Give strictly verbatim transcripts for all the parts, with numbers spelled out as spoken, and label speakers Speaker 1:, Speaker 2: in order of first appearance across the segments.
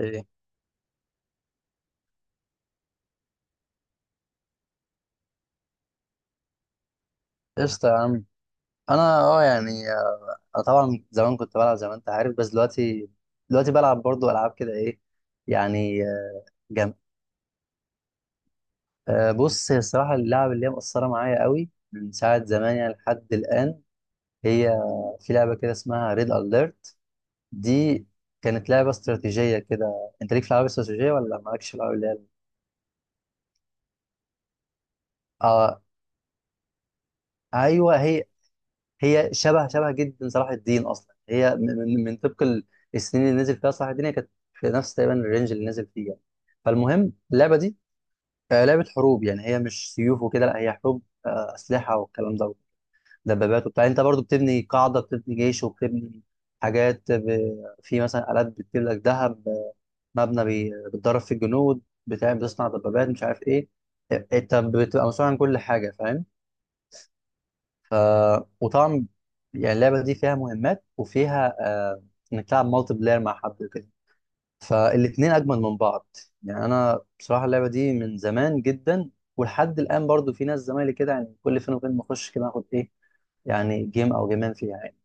Speaker 1: ايه، قشطة يا عم. انا اه يعني آه، انا طبعا زمان كنت بلعب زي ما انت عارف، بس دلوقتي دلوقتي بلعب برضو العاب كده، ايه يعني آه، جم آه، بص، هي الصراحة اللعبة اللي هي مأثرة معايا قوي من ساعة زمان يعني لحد الآن، هي في لعبة كده اسمها ريد أليرت. دي كانت لعبة استراتيجية كده، انت ليك في العاب استراتيجية ولا مالكش في العاب اللي هي؟ اه، ايوه، هي هي شبه شبه جدا صلاح الدين، اصلا هي من من من طبق ال- السنين اللي نزل فيها صلاح الدين، هي كانت في نفس تقريبا الرينج اللي نزل فيه يعني. فالمهم اللعبه دي آه، لعبه حروب يعني، هي مش سيوف وكده، لا هي حروب آه، اسلحه والكلام ده، دبابات وبتاع. انت برضو بتبني قاعده، بتبني جيش، وبتبني حاجات ب... في مثلا آلات بتجيب لك ذهب، آه، مبنى بي- بتدرب فيه الجنود بتاع، بتصنع دبابات، مش عارف ايه. إيه، انت بتبقى مسؤول عن كل حاجه، فاهم؟ آه وطبعا يعني اللعبة دي فيها مهمات وفيها آه إنك تلعب مالتي بلاير مع حد وكده، فالاتنين أجمل من بعض يعني. أنا بصراحة اللعبة دي من زمان جدا، ولحد الآن برضو في ناس زمايلي كده يعني، كل فين وفين بخش كده، آخد إيه يعني، جيم أو جيمين فيها يعني.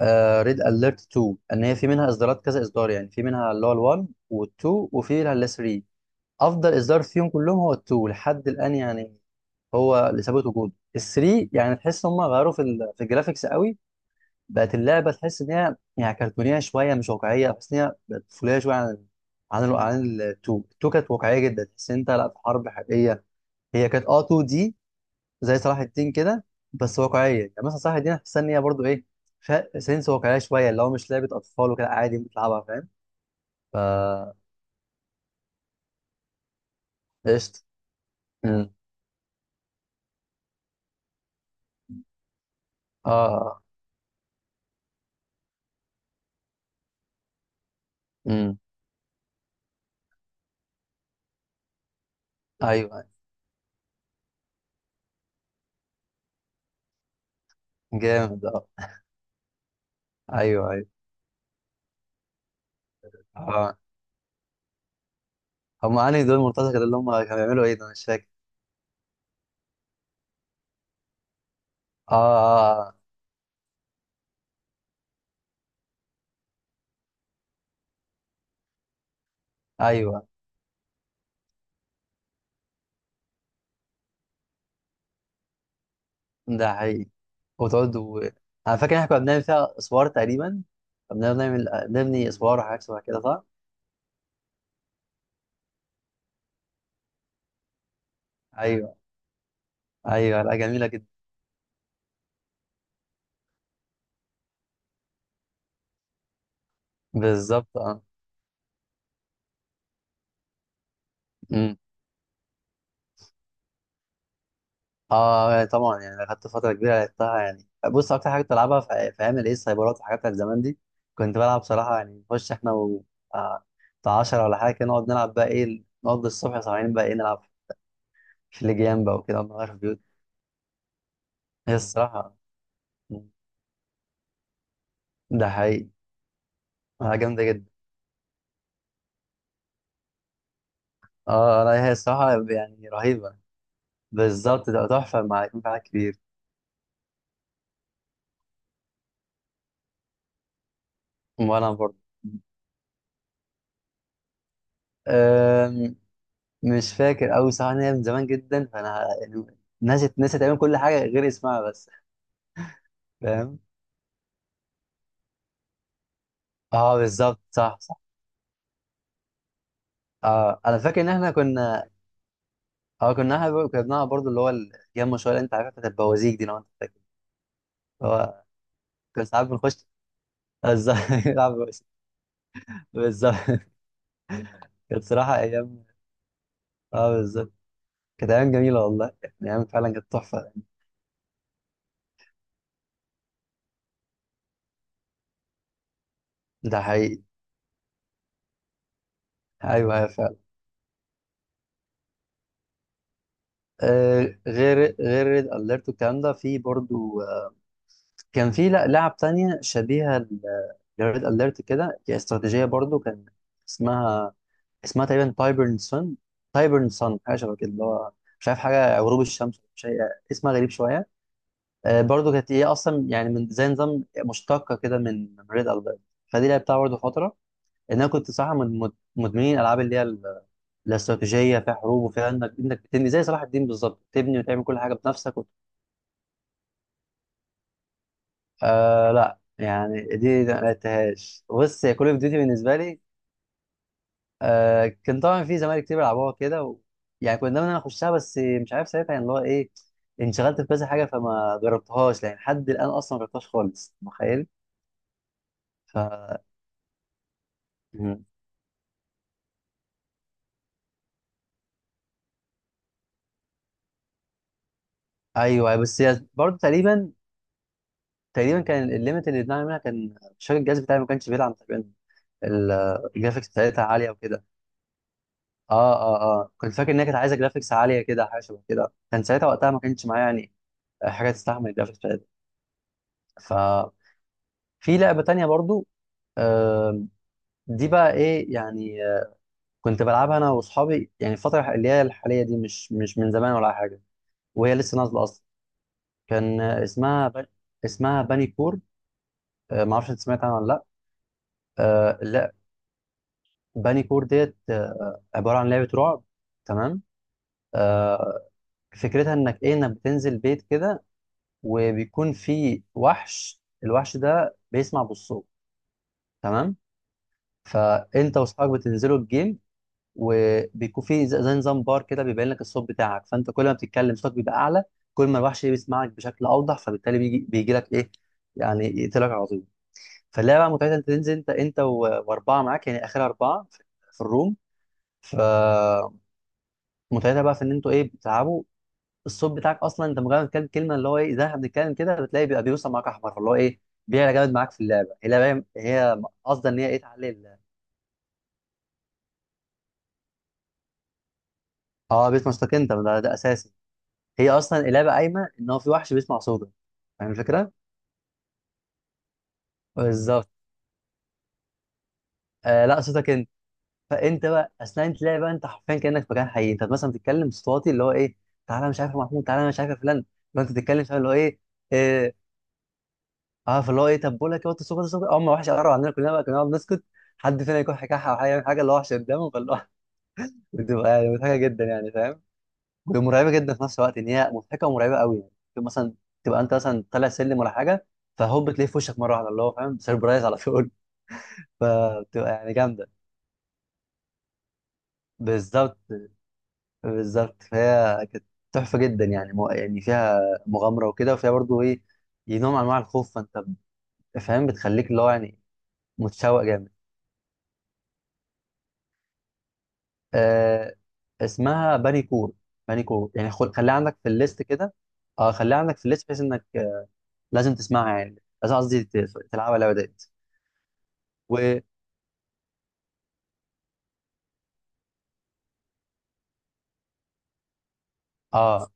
Speaker 1: آه، ريد أليرت اتنين، إن هي في منها إصدارات كذا إصدار يعني، في منها اللي هو ال1 وال2 وفي منها ال3. افضل اصدار فيهم كلهم هو التو لحد الان يعني، هو اللي ثابت وجوده. الثري يعني تحس ان هم غيروا في ال- في الجرافيكس قوي، بقت اللعبه تحس ان هي يعني كرتونيه شويه، مش واقعيه، تحس ان هي بقت طفوليه شويه عن عن ال- عن التو. التو كانت واقعيه جدا، تحس ان انت لا في حرب حقيقيه. هي كانت اه اتنين دي زي صلاح الدين كده، بس واقعيه، يعني مثلا صلاح الدين حاسس ان هي برضه ايه، فيها سنس واقعيه شويه، اللي هو مش لعبه اطفال وكده، عادي ممكن تلعبها، فاهم؟ ف قشطه. امم اه. امم ايوه. أيوه. جامد، اه. ايوه ايوه. اه، هم انهي دول مرتزقة؟ اللي هم كانوا بيعملوا ايه ده، أنا مش فاكر. اه اه، آه، ايوه ده حقيقي. وتقعد و... انا فاكر إن احنا كنا بنعمل فيها اسوار تقريبا، كنا بنعمل نبني اسوار وحاجات شبه كده، صح؟ ايوه ايوه، لا جميله جدا. بالظبط اه. امم اه يعني طبعا، يعني خدت فتره كبيره لعبتها يعني. بص، اكتر حاجه كنت بلعبها في في ايام الايه، السايبرات والحاجات بتاعت زمان دي، كنت بلعب بصراحه يعني، نخش احنا و آه، بتاع عشرة ولا حاجه كده، نقعد نلعب بقى ايه، نقضي الصبح سهرانين، بقى ايه نلعب في لجيان بقى وكده، ونغير في بيوت. هي الصراحة، ده حقيقي. آه، جامدة جدا. اه انا، هي الصراحة يعني رهيبة. بالظبط، ده تحفة مع يكون في حاجات كتير. وانا برضه أم، مش فاكر أوي صراحة، إن هي من زمان جدا فأنا يعني نسيت، نسيت تقريبا كل حاجة غير اسمها بس، فاهم؟ اه بالظبط، صح صح. اه أنا فاكر إن احنا كنا، اه كنا احنا بقى- كنا بنلعب برضه اللي هو الجيم شوية اللي أنت عارفها بتاعت البوازيك دي، لو أنت فاكر اللي هو، كنا ساعات بنخش بالظبط نلعب بوازيك. بالظبط، كانت بصراحة أيام، اه بالظبط كانت أيام جميلة والله، يعني أيام فعلا كانت تحفة. ده حقيقي. أيوه أيوه فعلا. آه، غير غير ريد أليرت والكلام ده، في برضو آه كان في لا- لعب تانية شبيهة ل- لريد أليرت كده، هي استراتيجية برضو، كان اسمها، اسمها تقريبا تايبرن سون. تايبرن سون حاجة شبه كده، اللي هو مش عارف، حاجة غروب الشمس، مش عارف، اسمها غريب شوية. آه، برضو كانت هي أصلا يعني من زي نظام مشتقة كده من ريد أليرت، فدي لعبتها برضو فترة. ان انا كنت صراحه من مد- مدمنين الالعاب اللي هي ال- الاستراتيجيه، فيها حروب وفيها انك، انك بتبني زي صلاح الدين بالظبط، تبني وتعمل كل حاجه بنفسك وت... آه لا يعني، دي ما لعبتهاش. بص، هي كول اوف ديوتي بالنسبه لي، آه كان طبعا في زمايلي كتير بيلعبوها كده و... يعني كنت دايما انا اخشها، بس مش عارف ساعتها يعني اللي هو ايه، انشغلت في كذا حاجه فما جربتهاش يعني، لحد الان اصلا ما جربتهاش خالص، متخيل. ف مم. ايوه، بس هي برضه تقريبا، تقريبا كان الليمت اللي بنعمل منها، كان مش فاكر، الجهاز بتاعي ما كانش بيدعم تقريبا ال- الجرافيكس بتاعتها عاليه وكده. اه اه اه، كنت فاكر ان هي كانت عايزه جرافيكس عاليه كده، حاجه شبه كده كان ساعتها وقتها، ما كانش معايا يعني حاجه تستحمل الجرافيكس بتاعتها. ففي لعبه تانية برضو، آه دي بقى ايه يعني، آه كنت بلعبها انا واصحابي يعني الفتره اللي هي الحاليه دي، مش مش من زمان ولا حاجه، وهي لسه نازله اصلا. كان آه، اسمها ب... اسمها باني كور. آه، ما اعرفش انت سمعت عنها ولا لا؟ آه لا، باني كور ديت آه عباره عن لعبه رعب. تمام. آه، فكرتها انك ايه، انك بتنزل بيت كده، وبيكون في وحش، الوحش ده بيسمع بالصوت. تمام. فانت واصحابك بتنزلوا الجيم، وبيكون في زي زي نظام بار كده، بيبين لك الصوت بتاعك، فانت كل ما بتتكلم صوتك بيبقى اعلى، كل ما الوحش إيه بيسمعك بشكل اوضح، فبالتالي بيجي بيجي لك ايه يعني، يقتلك على طول. فاللعبه بقى متعتها انت تنزل انت، انت و- واربعه معاك، يعني اخر اربعه في في الروم. فمتعتها بقى في ان انتوا ايه بتلعبوا، الصوت بتاعك اصلا انت مجرد كام كلمه، اللي هو ايه زي احنا بنتكلم كده، بتلاقي بيبقى بيوصل معاك احمر، اللي هو ايه بيعلى جامد معاك في اللعبه، هي لعبه هي قصدي ان هي ايه، تعلي ال- اه بيت مشتاق انت ده, ده اساسي. هي اصلا اللعبه قايمه ان هو في وحش بيسمع صوتك، فاهم الفكره؟ بالظبط. آه لا صوتك انت، فانت بقى اثناء انت لعبه بقى، انت حرفيا كانك في مكان حقيقي، انت مثلا بتتكلم صوت واطي اللي هو ايه، تعالى مش عارف يا محمود، تعالى مش عارف يا فلان، لو انت بتتكلم فاهم اللي هو ايه آه، اه. فاللي هو ايه، طب بقول لك ايه، وطي صوتك، وطي صوتك اول ما وحش قرب عندنا، كلنا بقى كنا نقعد نسكت، حد فينا يكون حكاحه او حاجه يعمل حاجه، اللي هو وحش قدامه، فاللي هو بتبقى يعني مضحكه جدا يعني فاهم، ومرعبه جدا في نفس الوقت، ان هي مضحكه ومرعبه قوي يعني. ممكن مثلا تبقى انت مثلا طالع سلم ولا حاجه، فهوب بتلاقيه في وشك مره واحده، اللي هو فاهم سربرايز على طول. فبتبقى يعني جامده. بالظبط. بالظبط، فهي كانت تحفه جدا يعني، مو- يعني فيها مغامره وكده، وفيها برضو ايه نوع من انواع الخوف، فانت فاهم بتخليك اللي هو يعني متشوق جامد. آه، اسمها بانيكور، بانيكور. يعني خل... خليها عندك في الليست كده، اه خليها عندك في الليست بحيث انك آه لازم تسمعها يعني، لازم قصدي ت- تلعبها اللعبه ديت. و اه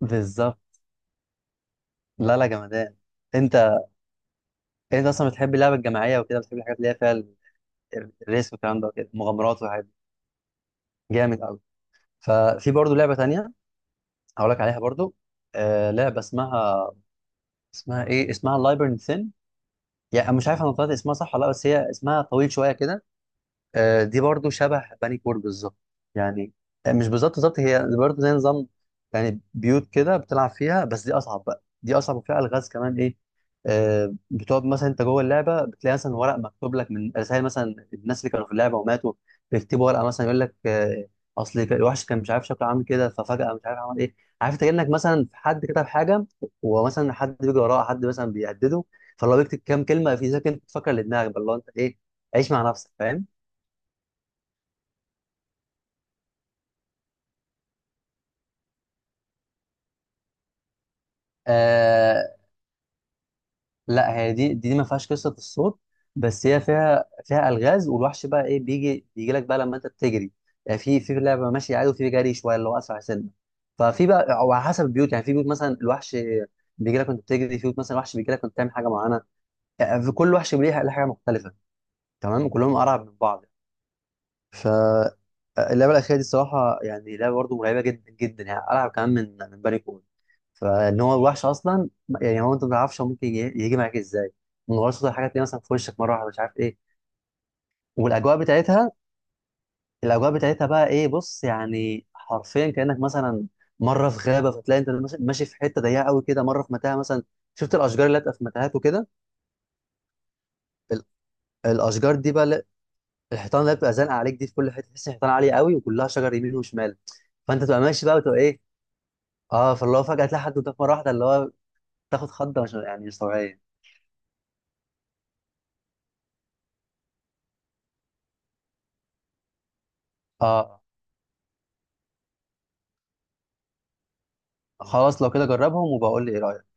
Speaker 1: بالظبط. لا لا جمدان. انت انت اصلا بتحب اللعبه الجماعيه وكده، بتحب الحاجات اللي هي فيها ال- ال- الريسك والكلام ده وكده، مغامرات وحاجات دي. جامد قوي. ففي برضو لعبه تانية هقول لك عليها برضو، آه لعبه اسمها، اسمها ايه، اسمها لايبرن ثين. يعني أنا مش عارف انا طلعت اسمها صح ولا لا، بس هي اسمها طويل شويه كده. آه، دي برضو شبه بني كور بالظبط يعني، آه مش بالظبط بالظبط، هي دي برضو زي نظام، يعني بيوت كده بتلعب فيها، بس دي اصعب بقى، دي اصعب وفيها الغاز كمان ايه، آه، بتقعد مثلا انت جوه اللعبه، بتلاقي مثلا ورق مكتوب لك من رسائل مثلا الناس اللي كانوا في اللعبه وماتوا، بيكتبوا ورقه مثلا يقول لك آه، اصل الوحش كان مش عارف شكله عامل كده، ففجاه مش عارف عمل ايه، عارف، انت كانك مثلا في حد كتب حاجه، ومثلا حد بيجي وراه، حد مثلا بيهدده، فلو بيكتب كام كلمه في ذاك انت تفكر لدماغك بقى، اللي هو انت ايه عيش مع نفسك، فاهم؟ آه لا، هي دي دي, دي ما فيهاش قصه الصوت، بس هي فيها، فيها الغاز، والوحش بقى ايه بيجي بيجي لك بقى لما انت بتجري، يعني في في لعبه ماشي عادي، وفي جري شويه اللي هو اسرع سنه، ففي بقى او على حسب البيوت، يعني في بيوت مثلا الوحش بيجي لك وانت بتجري، في بيوت مثلا الوحش بيجي لك وانت بتعمل حاجه معينه، يعني في كل وحش ليه ليه حاجه مختلفه، تمام، كلهم قرع من بعض. فاللعبة الأخيرة دي الصراحة يعني، لعبة برضه مرعبة جدا جدا يعني، ألعب كمان من من بني كون، فإن هو الوحش أصلا يعني هو، أنت ما تعرفش هو ممكن يجي, يجي معاك إزاي، من غير صوت الحاجة تلاقيه مثلا في وشك مرة واحدة، مش عارف إيه، والأجواء بتاعتها، الأجواء بتاعتها بقى إيه، بص يعني حرفيا كأنك مثلا مرة في غابة، فتلاقي أنت ماشي ماشي في حتة ضيقة قوي كده، مرة في متاهة مثلا، شفت الأشجار اللي بتبقى في متاهات وكده، ال- الأشجار دي بقى، لا- الحيطان اللي بتبقى زانقة عليك دي، في كل حتة تحس الحيطان عالية قوي، وكلها شجر يمين وشمال، فانت تبقى ماشي بقى وتبقى ايه، اه فاللي هو فجأة تلاقي حد قدامك مرة واحدة، اللي هو تاخد خضة مش يعني مش طبيعية. اه، خلاص لو كده جربهم وبقول لي ايه رأيك.